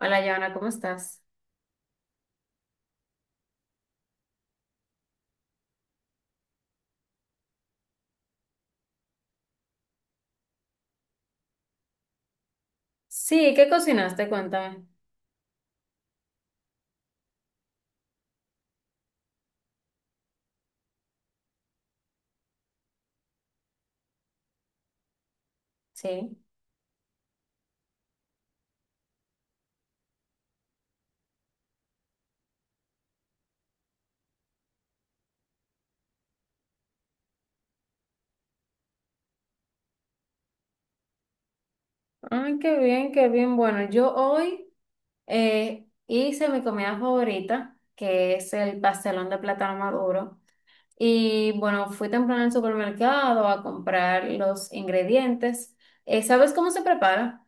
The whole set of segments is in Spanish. Hola, Joana, ¿cómo estás? Sí, ¿qué cocinaste? Cuéntame. Sí. Ay, qué bien, qué bien. Bueno, yo hoy hice mi comida favorita, que es el pastelón de plátano maduro. Y bueno, fui temprano al supermercado a comprar los ingredientes. ¿Sabes cómo se prepara?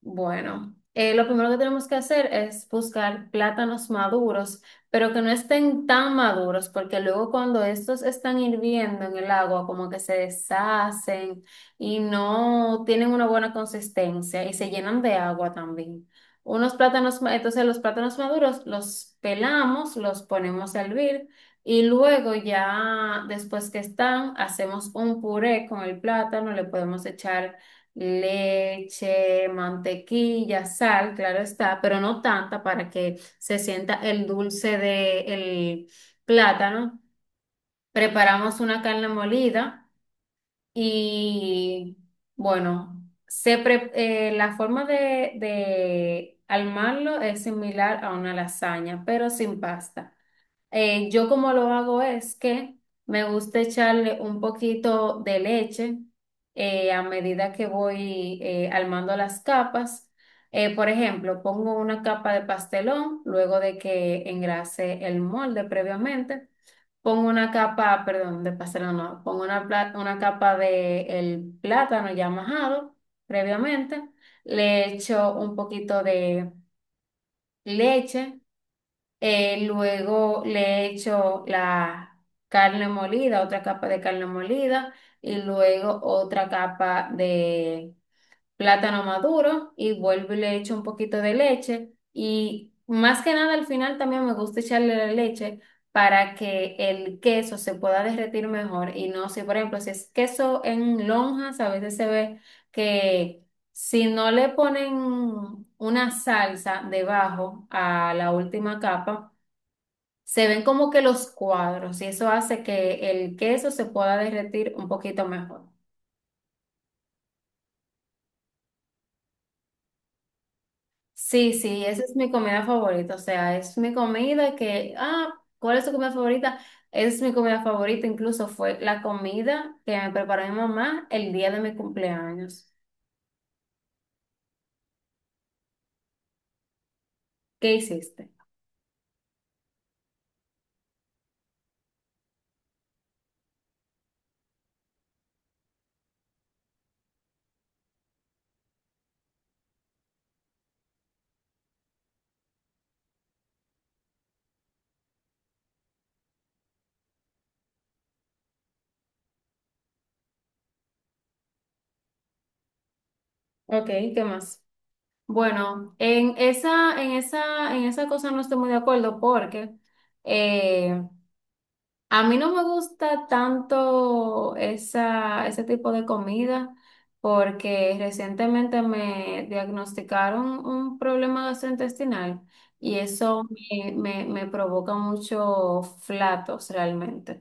Bueno, lo primero que tenemos que hacer es buscar plátanos maduros, pero que no estén tan maduros, porque luego cuando estos están hirviendo en el agua, como que se deshacen y no tienen una buena consistencia y se llenan de agua también. Entonces los plátanos maduros los pelamos, los ponemos a hervir y luego ya después que están, hacemos un puré con el plátano, le podemos echar leche, mantequilla, sal, claro está, pero no tanta para que se sienta el dulce del plátano. Preparamos una carne molida y bueno, la forma de armarlo es similar a una lasaña, pero sin pasta. Yo como lo hago es que me gusta echarle un poquito de leche a medida que voy armando las capas. Por ejemplo, pongo una capa de pastelón luego de que engrase el molde previamente. Pongo una capa, perdón, de pastelón no, pongo una capa de el plátano ya majado previamente. Le echo un poquito de leche luego le echo la carne molida, otra capa de carne molida y luego otra capa de plátano maduro y vuelvo y le echo un poquito de leche y más que nada al final también me gusta echarle la leche para que el queso se pueda derretir mejor y no sé, por ejemplo, si es queso en lonjas, a veces se ve que si no le ponen una salsa debajo a la última capa, se ven como que los cuadros y eso hace que el queso se pueda derretir un poquito mejor. Sí, sí, esa es mi comida favorita, o sea, es mi comida que, ah, ¿cuál es tu comida favorita? Es mi comida favorita, incluso fue la comida que me preparó mi mamá el día de mi cumpleaños. ¿Qué hiciste? Ok, ¿qué más? Bueno, en esa cosa no estoy muy de acuerdo porque eh, a mí no me gusta tanto ese tipo de comida porque recientemente me diagnosticaron un problema gastrointestinal y eso me provoca muchos flatos realmente.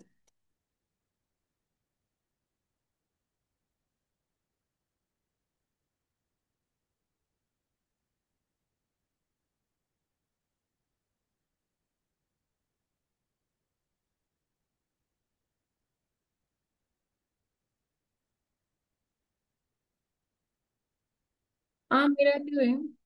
Ah, mira qué bien.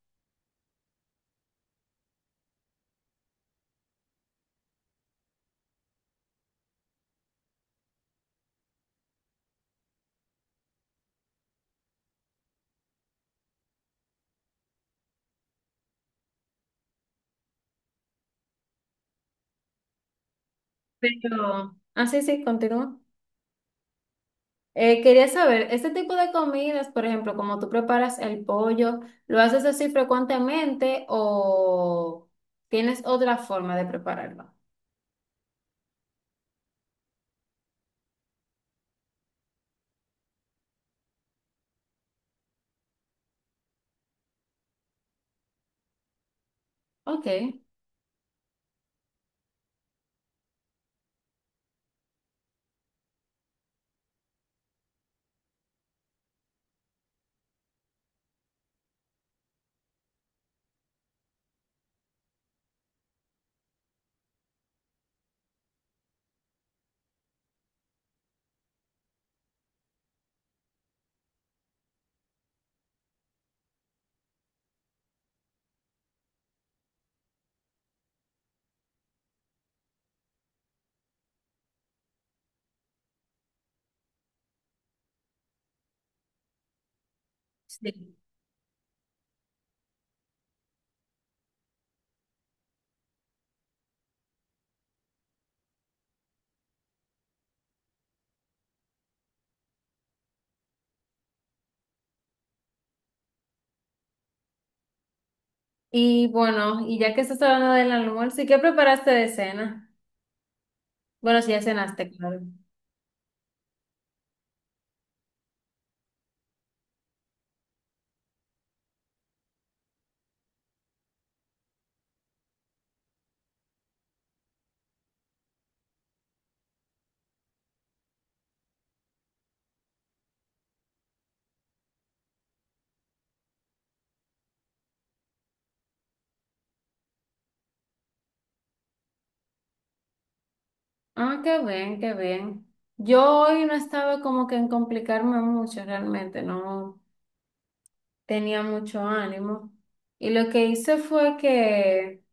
Pero, ah, sí, sí, continúa. Quería saber, este tipo de comidas, por ejemplo, como tú preparas el pollo, ¿lo haces así frecuentemente o tienes otra forma de prepararlo? Ok. Sí. Y bueno, y ya que estás hablando del almuerzo, ¿y qué preparaste de cena? Bueno, si ya cenaste, claro. Ah, qué bien, qué bien. Yo hoy no estaba como que en complicarme mucho realmente, no tenía mucho ánimo. Y lo que hice fue que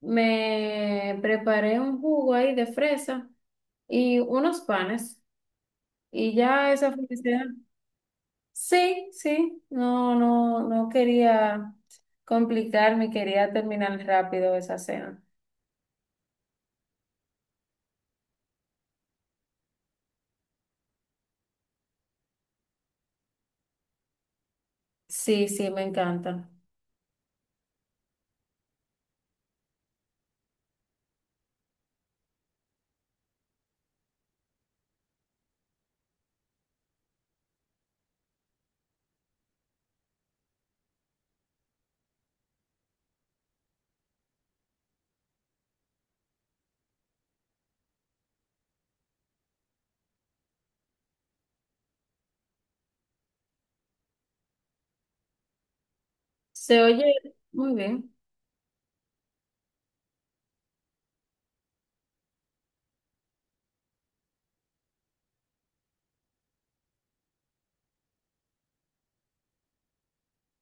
me preparé un jugo ahí de fresa y unos panes. Y ya esa fue mi cena. Sí, sí, no, no, no quería complicarme, quería terminar rápido esa cena. Sí, sí, me encanta. Se oye muy bien,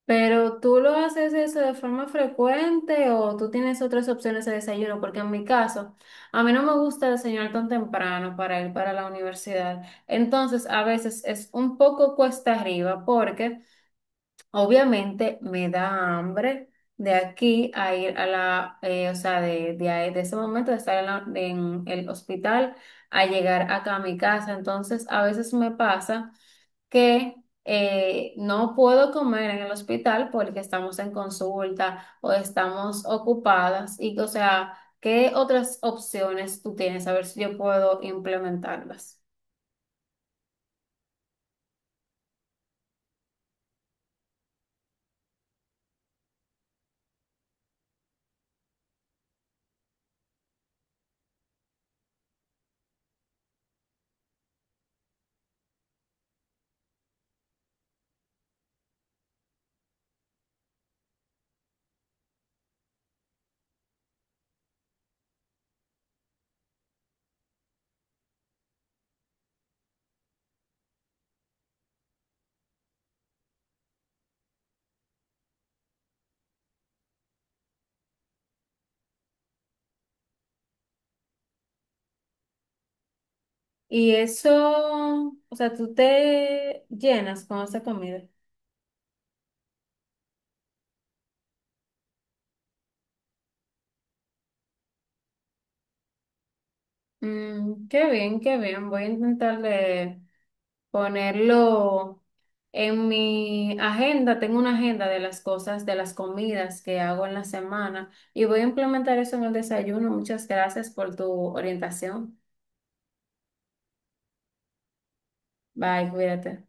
pero ¿tú lo haces eso de forma frecuente o tú tienes otras opciones de desayuno? Porque en mi caso, a mí no me gusta desayunar tan temprano para ir para la universidad. Entonces, a veces es un poco cuesta arriba porque obviamente me da hambre de aquí a ir a o sea, de ese momento de estar en, en el hospital a llegar acá a mi casa. Entonces, a veces me pasa que no puedo comer en el hospital porque estamos en consulta o estamos ocupadas. Y, o sea, ¿qué otras opciones tú tienes? A ver si yo puedo implementarlas. Y eso, o sea, tú te llenas con esa comida. Mm, qué bien, qué bien. Voy a intentar de ponerlo en mi agenda. Tengo una agenda de las cosas, de las comidas que hago en la semana y voy a implementar eso en el desayuno. Muchas gracias por tu orientación. Bye, cuídate.